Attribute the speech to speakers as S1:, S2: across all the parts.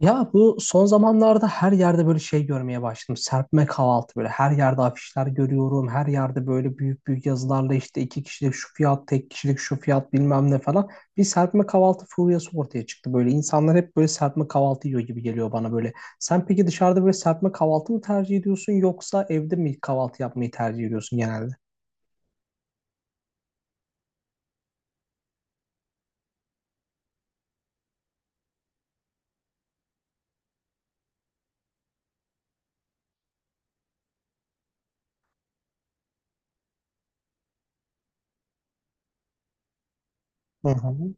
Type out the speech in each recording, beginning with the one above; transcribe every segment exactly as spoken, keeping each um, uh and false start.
S1: Ya bu son zamanlarda her yerde böyle şey görmeye başladım. Serpme kahvaltı böyle her yerde afişler görüyorum. Her yerde böyle büyük büyük yazılarla işte iki kişilik şu fiyat, tek kişilik şu fiyat bilmem ne falan. Bir serpme kahvaltı furyası ortaya çıktı böyle. İnsanlar hep böyle serpme kahvaltı yiyor gibi geliyor bana böyle. Sen peki dışarıda böyle serpme kahvaltı mı tercih ediyorsun yoksa evde mi kahvaltı yapmayı tercih ediyorsun genelde? Hı hı.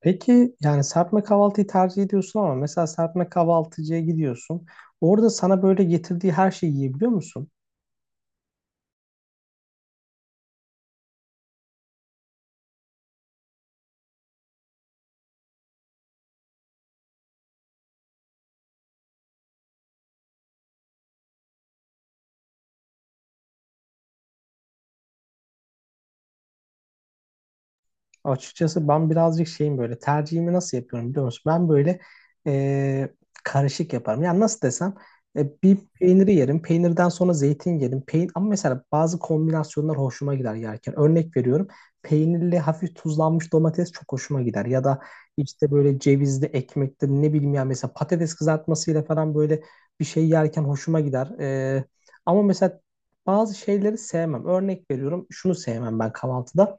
S1: Peki yani serpme kahvaltıyı tercih ediyorsun ama mesela serpme kahvaltıcıya gidiyorsun. Orada sana böyle getirdiği her şeyi yiyebiliyor musun? Açıkçası ben birazcık şeyim böyle tercihimi nasıl yapıyorum biliyor musun? Ben böyle e, karışık yaparım. Yani nasıl desem e, bir peyniri yerim. Peynirden sonra zeytin yerim. Peyn ama mesela bazı kombinasyonlar hoşuma gider yerken. Örnek veriyorum. Peynirli hafif tuzlanmış domates çok hoşuma gider. Ya da işte böyle cevizli ekmektir ne bileyim ya mesela patates kızartmasıyla falan böyle bir şey yerken hoşuma gider. E, ama mesela bazı şeyleri sevmem. Örnek veriyorum şunu sevmem ben kahvaltıda.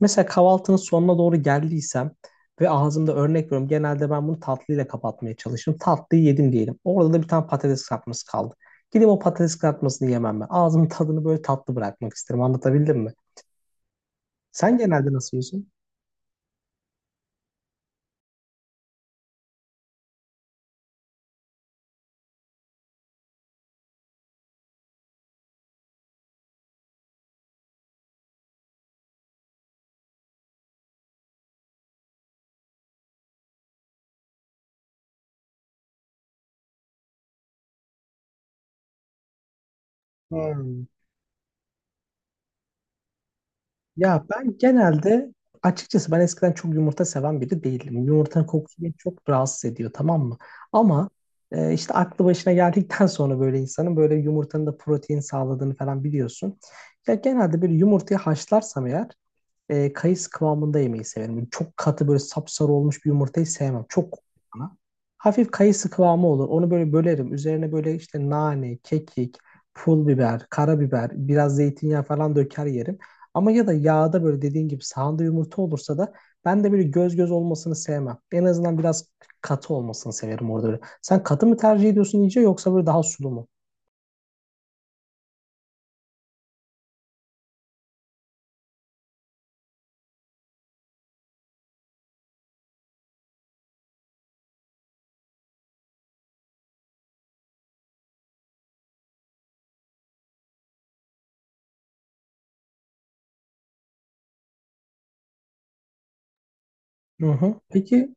S1: Mesela kahvaltının sonuna doğru geldiysem ve ağzımda örnek veriyorum. Genelde ben bunu tatlıyla kapatmaya çalışırım. Tatlıyı yedim diyelim. Orada da bir tane patates kızartması kaldı. Gidip o patates kızartmasını yemem ben. Ağzımın tadını böyle tatlı bırakmak isterim. Anlatabildim mi? Sen genelde nasıl yiyorsun? Hmm. Ya ben genelde açıkçası ben eskiden çok yumurta seven biri değildim. Yumurtanın kokusu beni çok rahatsız ediyor, tamam mı? Ama e, işte aklı başına geldikten sonra böyle insanın böyle yumurtanın da protein sağladığını falan biliyorsun. Ya genelde bir yumurtayı haşlarsam eğer e, kayısı kıvamında yemeyi severim. Çok katı böyle sapsarı olmuş bir yumurtayı sevmem. Çok kokuyor bana. Hafif kayısı kıvamı olur. Onu böyle bölerim. Üzerine böyle işte nane, kekik, pul biber, karabiber, biraz zeytinyağı falan döker yerim. Ama ya da yağda böyle dediğin gibi sahanda yumurta olursa da ben de böyle göz göz olmasını sevmem. En azından biraz katı olmasını severim orada böyle. Sen katı mı tercih ediyorsun iyice yoksa böyle daha sulu mu? Hı hı. Peki.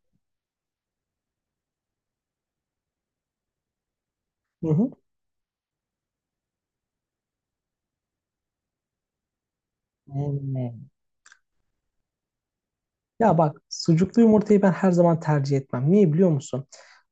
S1: Hı hı. Hmm. Ya bak sucuklu yumurtayı ben her zaman tercih etmem. Niye biliyor musun?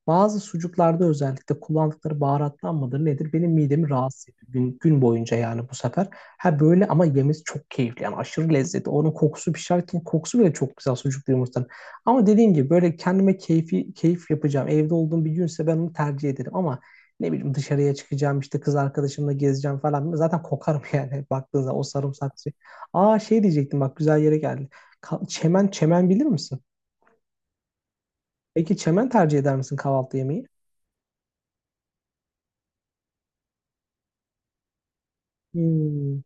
S1: Bazı sucuklarda özellikle kullandıkları baharatlar mıdır nedir benim midemi rahatsız ediyor. Gün, gün boyunca yani bu sefer. Ha böyle ama yemesi çok keyifli yani aşırı lezzetli. Onun kokusu pişerken kokusu bile çok güzel sucuklu yumurtanın. Ama dediğim gibi böyle kendime keyfi, keyif yapacağım. Evde olduğum bir günse ben onu tercih ederim ama ne bileyim dışarıya çıkacağım işte kız arkadaşımla gezeceğim falan. Zaten kokarım yani baktığınızda o sarımsak suyu. Aa şey diyecektim bak güzel yere geldi. Ka- Çemen, çemen bilir misin? Peki çemen tercih eder misin kahvaltı yemeği? Hmm.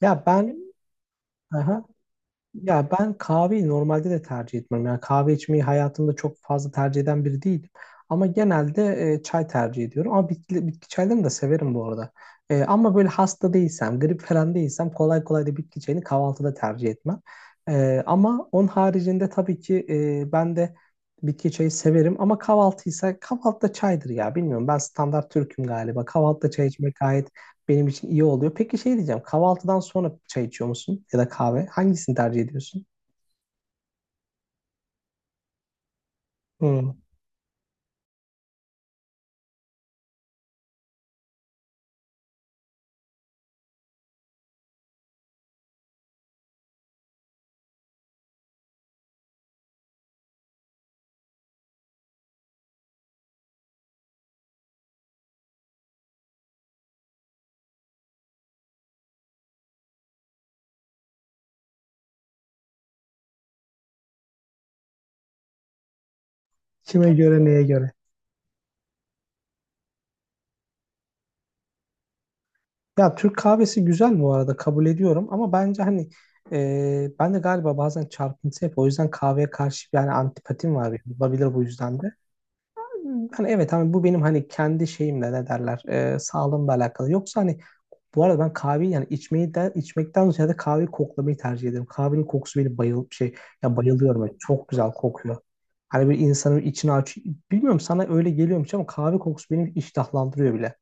S1: Ya ben aha, ya ben kahveyi normalde de tercih etmem. Yani kahve içmeyi hayatımda çok fazla tercih eden biri değilim. Ama genelde e, çay tercih ediyorum. Ama bitki, bitki çaylarını da severim bu arada. E, ama böyle hasta değilsem, grip falan değilsem kolay kolay da bitki çayını kahvaltıda tercih etmem. E, ama onun haricinde tabii ki e, ben de bitki çayı severim. Ama kahvaltıysa kahvaltıda çaydır ya. Bilmiyorum ben standart Türk'üm galiba. Kahvaltıda çay içmek gayet benim için iyi oluyor. Peki şey diyeceğim. Kahvaltıdan sonra çay içiyor musun? Ya da kahve? Hangisini tercih ediyorsun? Hmm. Kime göre, neye göre? Ya Türk kahvesi güzel bu arada kabul ediyorum ama bence hani e, ben de galiba bazen çarpıntı yapıyorum. O yüzden kahveye karşı yani antipatim var benim. Olabilir bu yüzden de. Hani evet hani bu benim hani kendi şeyimle ne derler e, sağlığımla alakalı. Yoksa hani bu arada ben kahveyi yani içmeyi de, içmekten ziyade kahveyi koklamayı tercih ederim. Kahvenin kokusu beni bayıl şey ya bayılıyorum. Ben çok güzel kokuyor. Hani bir insanın içini aç. Bilmiyorum sana öyle geliyormuş ama kahve kokusu beni iştahlandırıyor bile.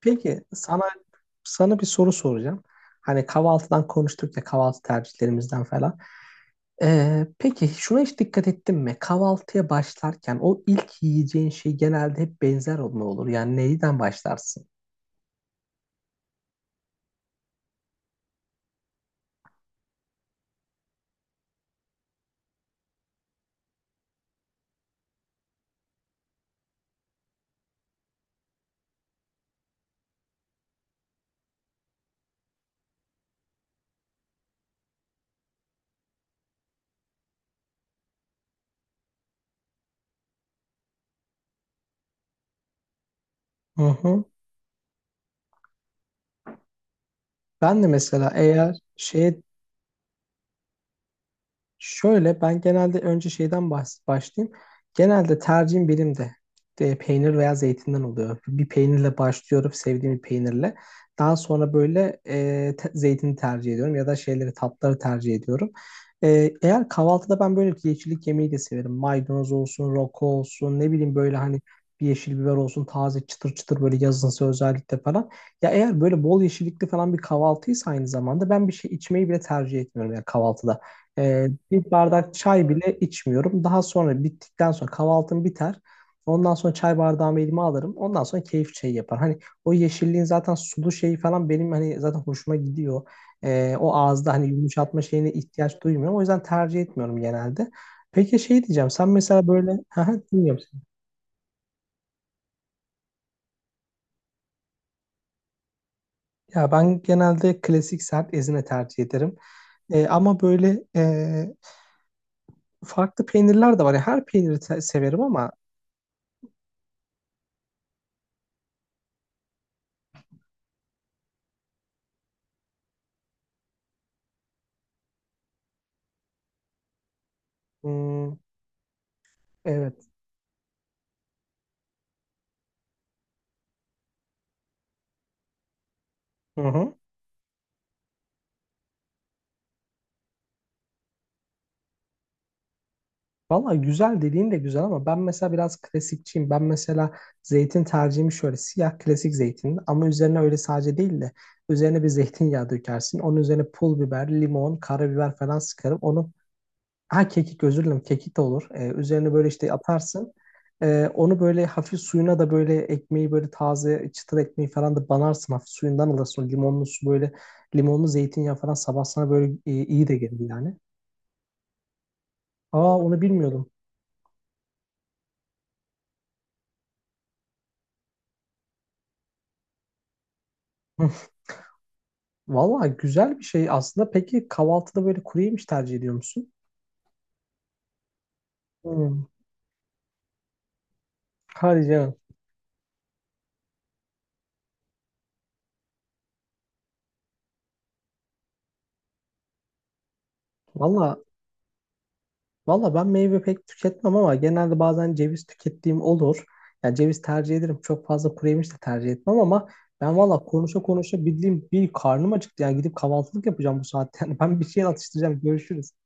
S1: Peki sana Sana bir soru soracağım. Hani kahvaltıdan konuştuk ya kahvaltı tercihlerimizden falan. Ee, peki şuna hiç dikkat ettin mi? Kahvaltıya başlarken o ilk yiyeceğin şey genelde hep benzer olma olur. Yani neyden başlarsın? Hı hı. Ben de mesela eğer şeye şöyle ben genelde önce şeyden bahs- başlayayım. Genelde tercihim benim de e, peynir veya zeytinden oluyor. Bir peynirle başlıyorum, sevdiğim bir peynirle. Daha sonra böyle e, te- zeytini tercih ediyorum ya da şeyleri tatları tercih ediyorum. E, eğer kahvaltıda ben böyle bir yeşillik yemeği de severim. Maydanoz olsun, roko olsun, ne bileyim böyle hani bir yeşil biber olsun, taze çıtır çıtır böyle yazınsa özellikle falan. Ya eğer böyle bol yeşillikli falan bir kahvaltıysa aynı zamanda ben bir şey içmeyi bile tercih etmiyorum ya kahvaltıda. Ee, bir bardak çay bile içmiyorum. Daha sonra bittikten sonra kahvaltım biter. Ondan sonra çay bardağımı elime alırım. Ondan sonra keyif çayı yapar. Hani o yeşilliğin zaten sulu şeyi falan benim hani zaten hoşuma gidiyor. Ee, o ağızda hani yumuşatma şeyine ihtiyaç duymuyorum. O yüzden tercih etmiyorum genelde. Peki şey diyeceğim. Sen mesela böyle... Haha, dinliyorum seni. Ya ben genelde klasik sert ezine tercih ederim. Ee, ama böyle e, farklı peynirler de var. Yani her peyniri te- severim ama... Hmm, evet. Hı hı. Valla güzel dediğin de güzel ama ben mesela biraz klasikçiyim. Ben mesela zeytin tercihimi şöyle siyah klasik zeytin ama üzerine öyle sadece değil de üzerine bir zeytinyağı dökersin. Onun üzerine pul biber, limon, karabiber falan sıkarım. Onu ha kekik, özür dilerim, kekik de olur. Ee, üzerine böyle işte atarsın. Ee, onu böyle hafif suyuna da böyle ekmeği böyle taze çıtır ekmeği falan da banarsın. Hafif suyundan alırsın. O limonlu su böyle limonlu zeytinyağı falan sabah sana böyle e, iyi de gelir yani. Aa onu bilmiyordum. Valla güzel bir şey aslında. Peki kahvaltıda böyle kuru yemiş tercih ediyor musun? Hmm. Hadi canım. Valla valla ben meyve pek tüketmem ama genelde bazen ceviz tükettiğim olur. Yani ceviz tercih ederim. Çok fazla kuru yemiş de tercih etmem ama ben valla konuşa konuşa bildiğim bir karnım acıktı. Yani gidip kahvaltılık yapacağım bu saatte. Yani ben bir şey atıştıracağım. Görüşürüz.